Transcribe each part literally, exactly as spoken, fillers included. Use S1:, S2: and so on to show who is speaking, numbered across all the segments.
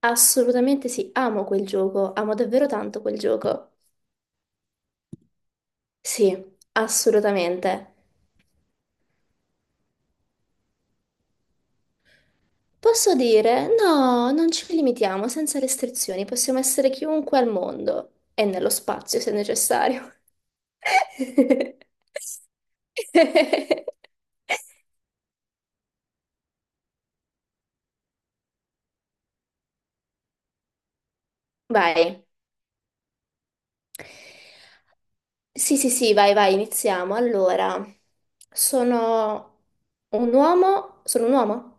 S1: Assolutamente sì, amo quel gioco, amo davvero tanto quel gioco. Sì, assolutamente. Posso dire, no, non ci limitiamo, senza restrizioni, possiamo essere chiunque al mondo e nello spazio se necessario. Vai. Sì, sì, sì, vai, vai, iniziamo. Allora, sono un uomo, sono un uomo,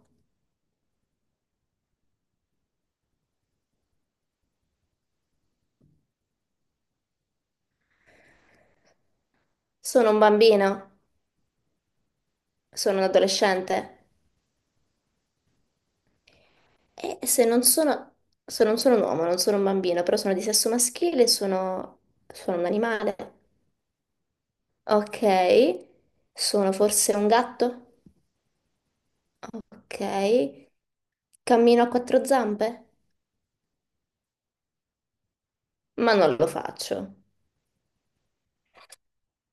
S1: sono un bambino, sono un adolescente. E se non sono, se non sono un uomo, non sono un bambino, però sono di sesso maschile, sono, sono un animale. Ok. Sono forse un gatto? Ok. Cammino a quattro zampe? Ma non lo faccio.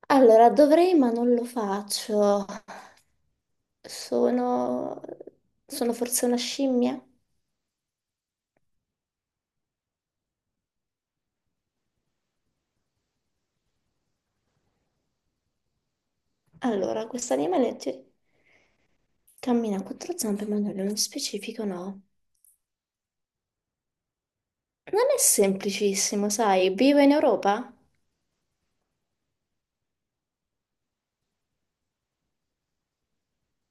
S1: Allora, dovrei, ma non lo faccio. Sono, Sono forse una scimmia? Allora, questo animale ti- cammina a quattro zampe, ma non nello specifico no. Non è semplicissimo, sai? Vivo in Europa?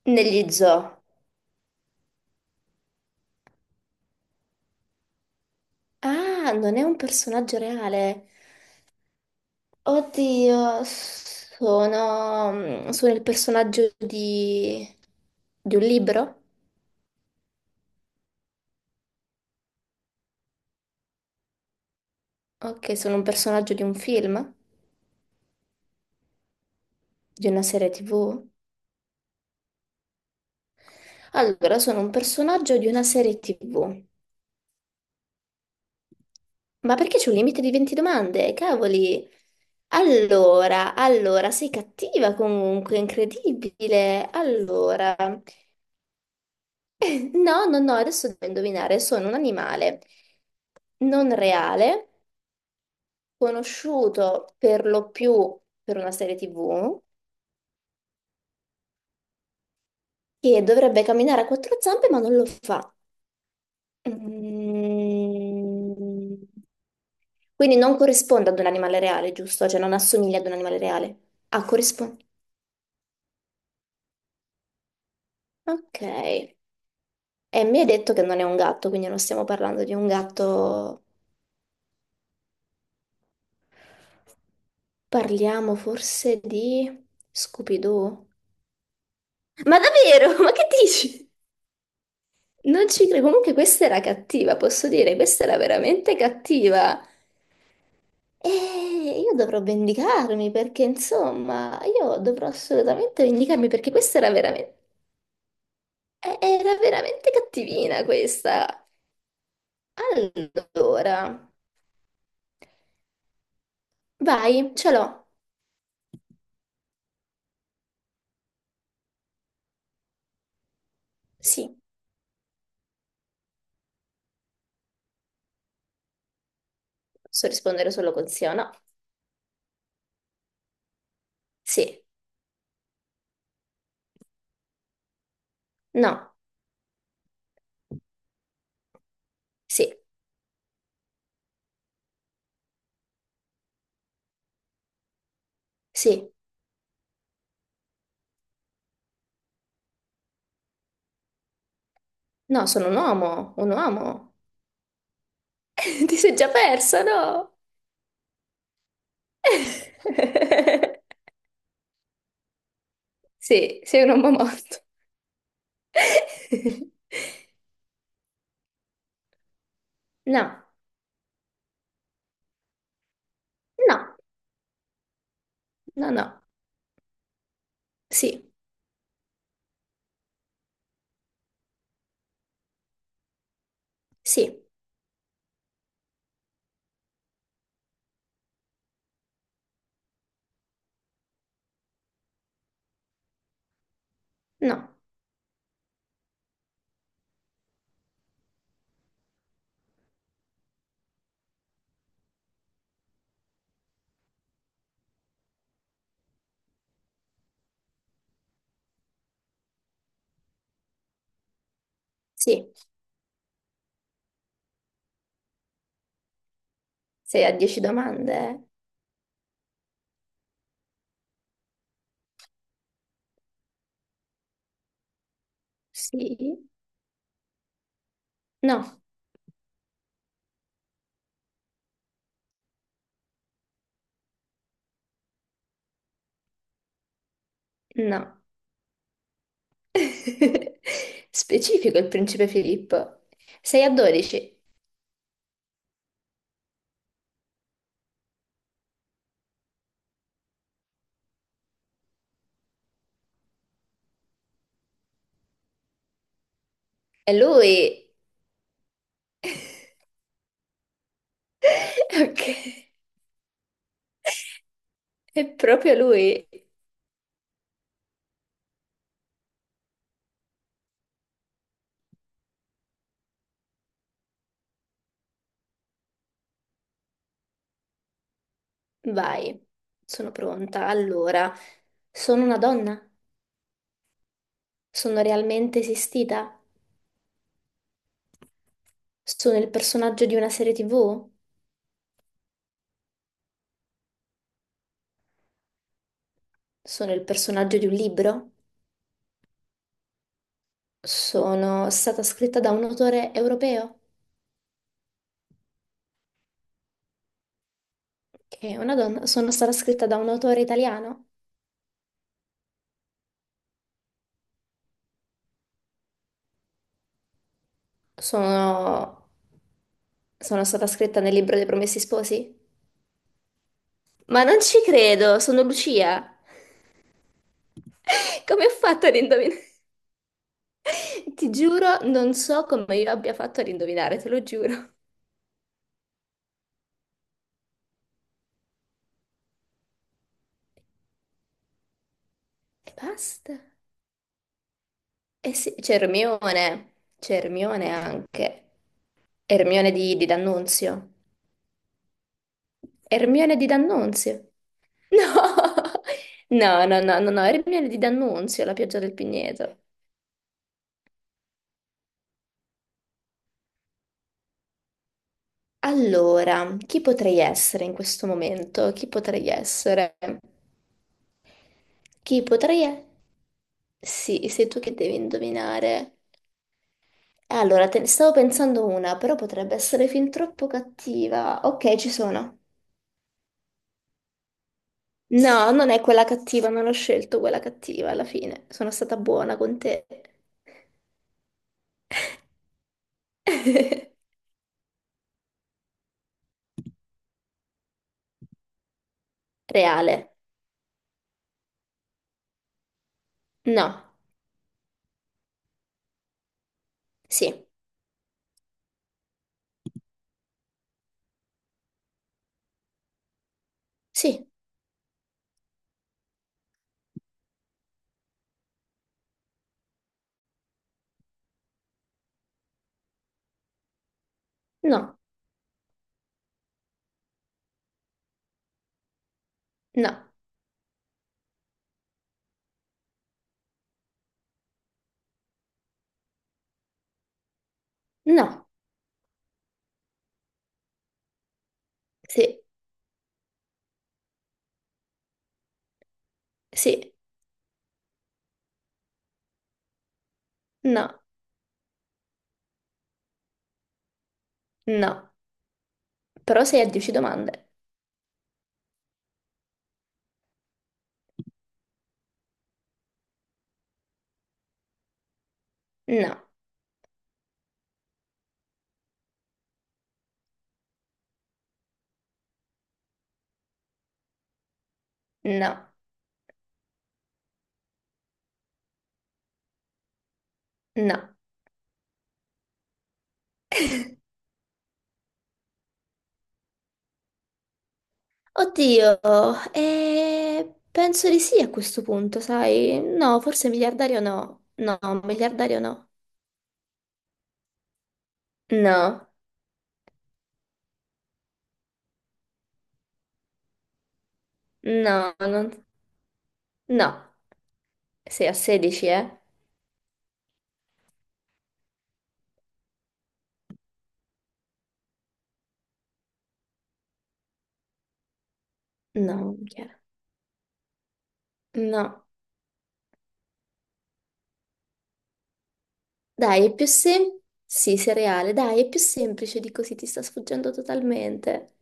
S1: Negli zoo. Ah, non è un personaggio reale. Oddio, sono, mm, sono il personaggio di, di un libro? Ok, sono un personaggio di un film? Di una serie T V? Allora, sono un personaggio di una serie T V. Ma perché c'è un limite di venti domande? Cavoli! Allora, allora, sei cattiva comunque, incredibile. Allora. No, no, no, adesso devo indovinare, sono un animale non reale, conosciuto per lo più per una serie T V, che dovrebbe camminare a quattro zampe ma non lo fa. Mm. Quindi non corrisponde ad un animale reale, giusto? Cioè non assomiglia ad un animale reale. Ah, corrisponde. Ok. E mi hai detto che non è un gatto, quindi non stiamo parlando di un gatto. Parliamo forse di Scooby-Doo? Ma davvero? Ma che dici? Non ci credo, comunque questa era cattiva, posso dire, questa era veramente cattiva. E io dovrò vendicarmi perché, insomma, io dovrò assolutamente vendicarmi perché questa era veramente, era veramente cattivina questa. Allora, vai, ce l'ho. Sì, posso rispondere solo con sì o no. Sì, no, sì, sì. No, sono un uomo, un uomo. Ti sei già persa, no? Sì, sei un uomo morto. No, no, no, no. Sì, sì, no, sì. Sei a dieci domande? Eh? Sì, no, no. Specifico il principe Filippo. Sei a dodici. È lui. Ok, è proprio lui. Vai, sono pronta. Allora, sono una donna? Sono realmente esistita? Sono il personaggio di una serie T V? Sono il personaggio di un libro? Sono stata scritta da un autore europeo, che è una donna. Sono stata scritta da un autore italiano. Sono, sono stata scritta nel libro dei Promessi Sposi. Ma non ci credo, sono Lucia. Come ho fatto ad indovinare? Ti giuro, non so come io abbia fatto ad indovinare, te lo giuro. E basta. Eh sì, c'è Ermione. C'è Ermione anche. Ermione di, di D'Annunzio. Ermione di D'Annunzio. No, no, no, no, no, no, Ermione di D'Annunzio, la pioggia del Pigneto. Allora, chi potrei essere in questo momento? Chi potrei essere? Chi potrei essere? Sì, sei tu che devi indovinare. Allora, te ne stavo pensando una, però potrebbe essere fin troppo cattiva. Ok, ci sono. No, non è quella cattiva, non ho scelto quella cattiva alla fine. Sono stata buona con te. Reale. No. Sì. Sì. No, no, no, sì, sì, no, no. Però sei a dieci domande. No, no, no. Oddio, eh, penso di sì a questo punto, sai? No, forse miliardario no. No, miliardario no. No, no, non... No, sei a sedici, eh? No, non chiaro. No. Dai, è più semplice. Sì, sei reale. Dai, è più semplice di così, ti sta sfuggendo totalmente.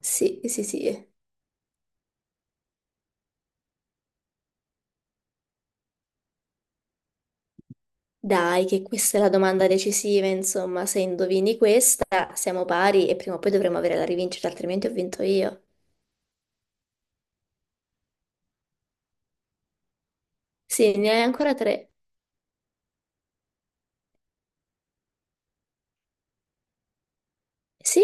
S1: Sì, sì, sì. Dai, che questa è la domanda decisiva, insomma, se indovini questa siamo pari e prima o poi dovremo avere la rivincita, altrimenti ho vinto io. Sì, ne hai ancora tre. Sì?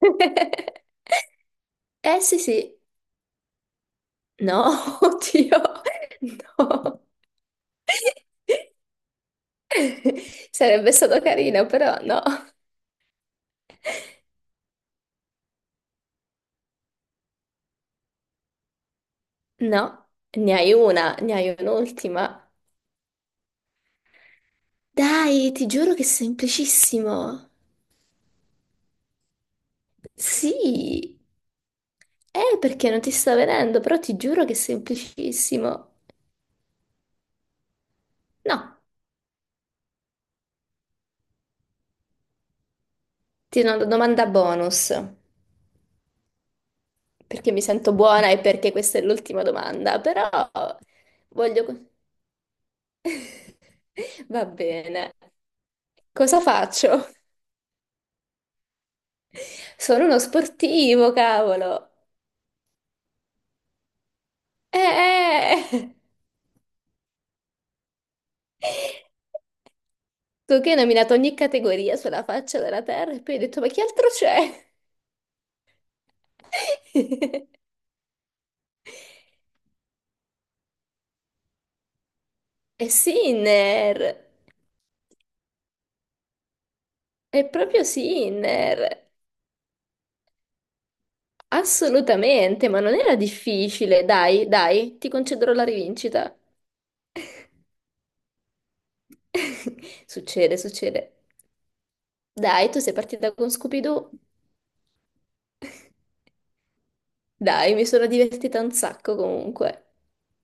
S1: Eh sì, sì. No, oddio, no. Sarebbe stato carino, però no. No, ne hai una, ne hai un'ultima. Dai, ti giuro che è semplicissimo. Sì, eh, perché non ti sta venendo, però ti giuro che è semplicissimo. No, ti do una domanda bonus, perché mi sento buona e perché questa è l'ultima domanda, però voglio... Va bene, cosa faccio? Sono uno sportivo, cavolo. Eh! Eh. Tu che hai nominato ogni categoria sulla faccia della terra e poi hai detto, ma chi altro c'è? E Sinner! È proprio Sinner, assolutamente, ma non era difficile. Dai, dai, ti concederò la rivincita. Succede, succede. Dai, tu sei partita con Scooby-Doo. Dai, mi sono divertita un sacco comunque.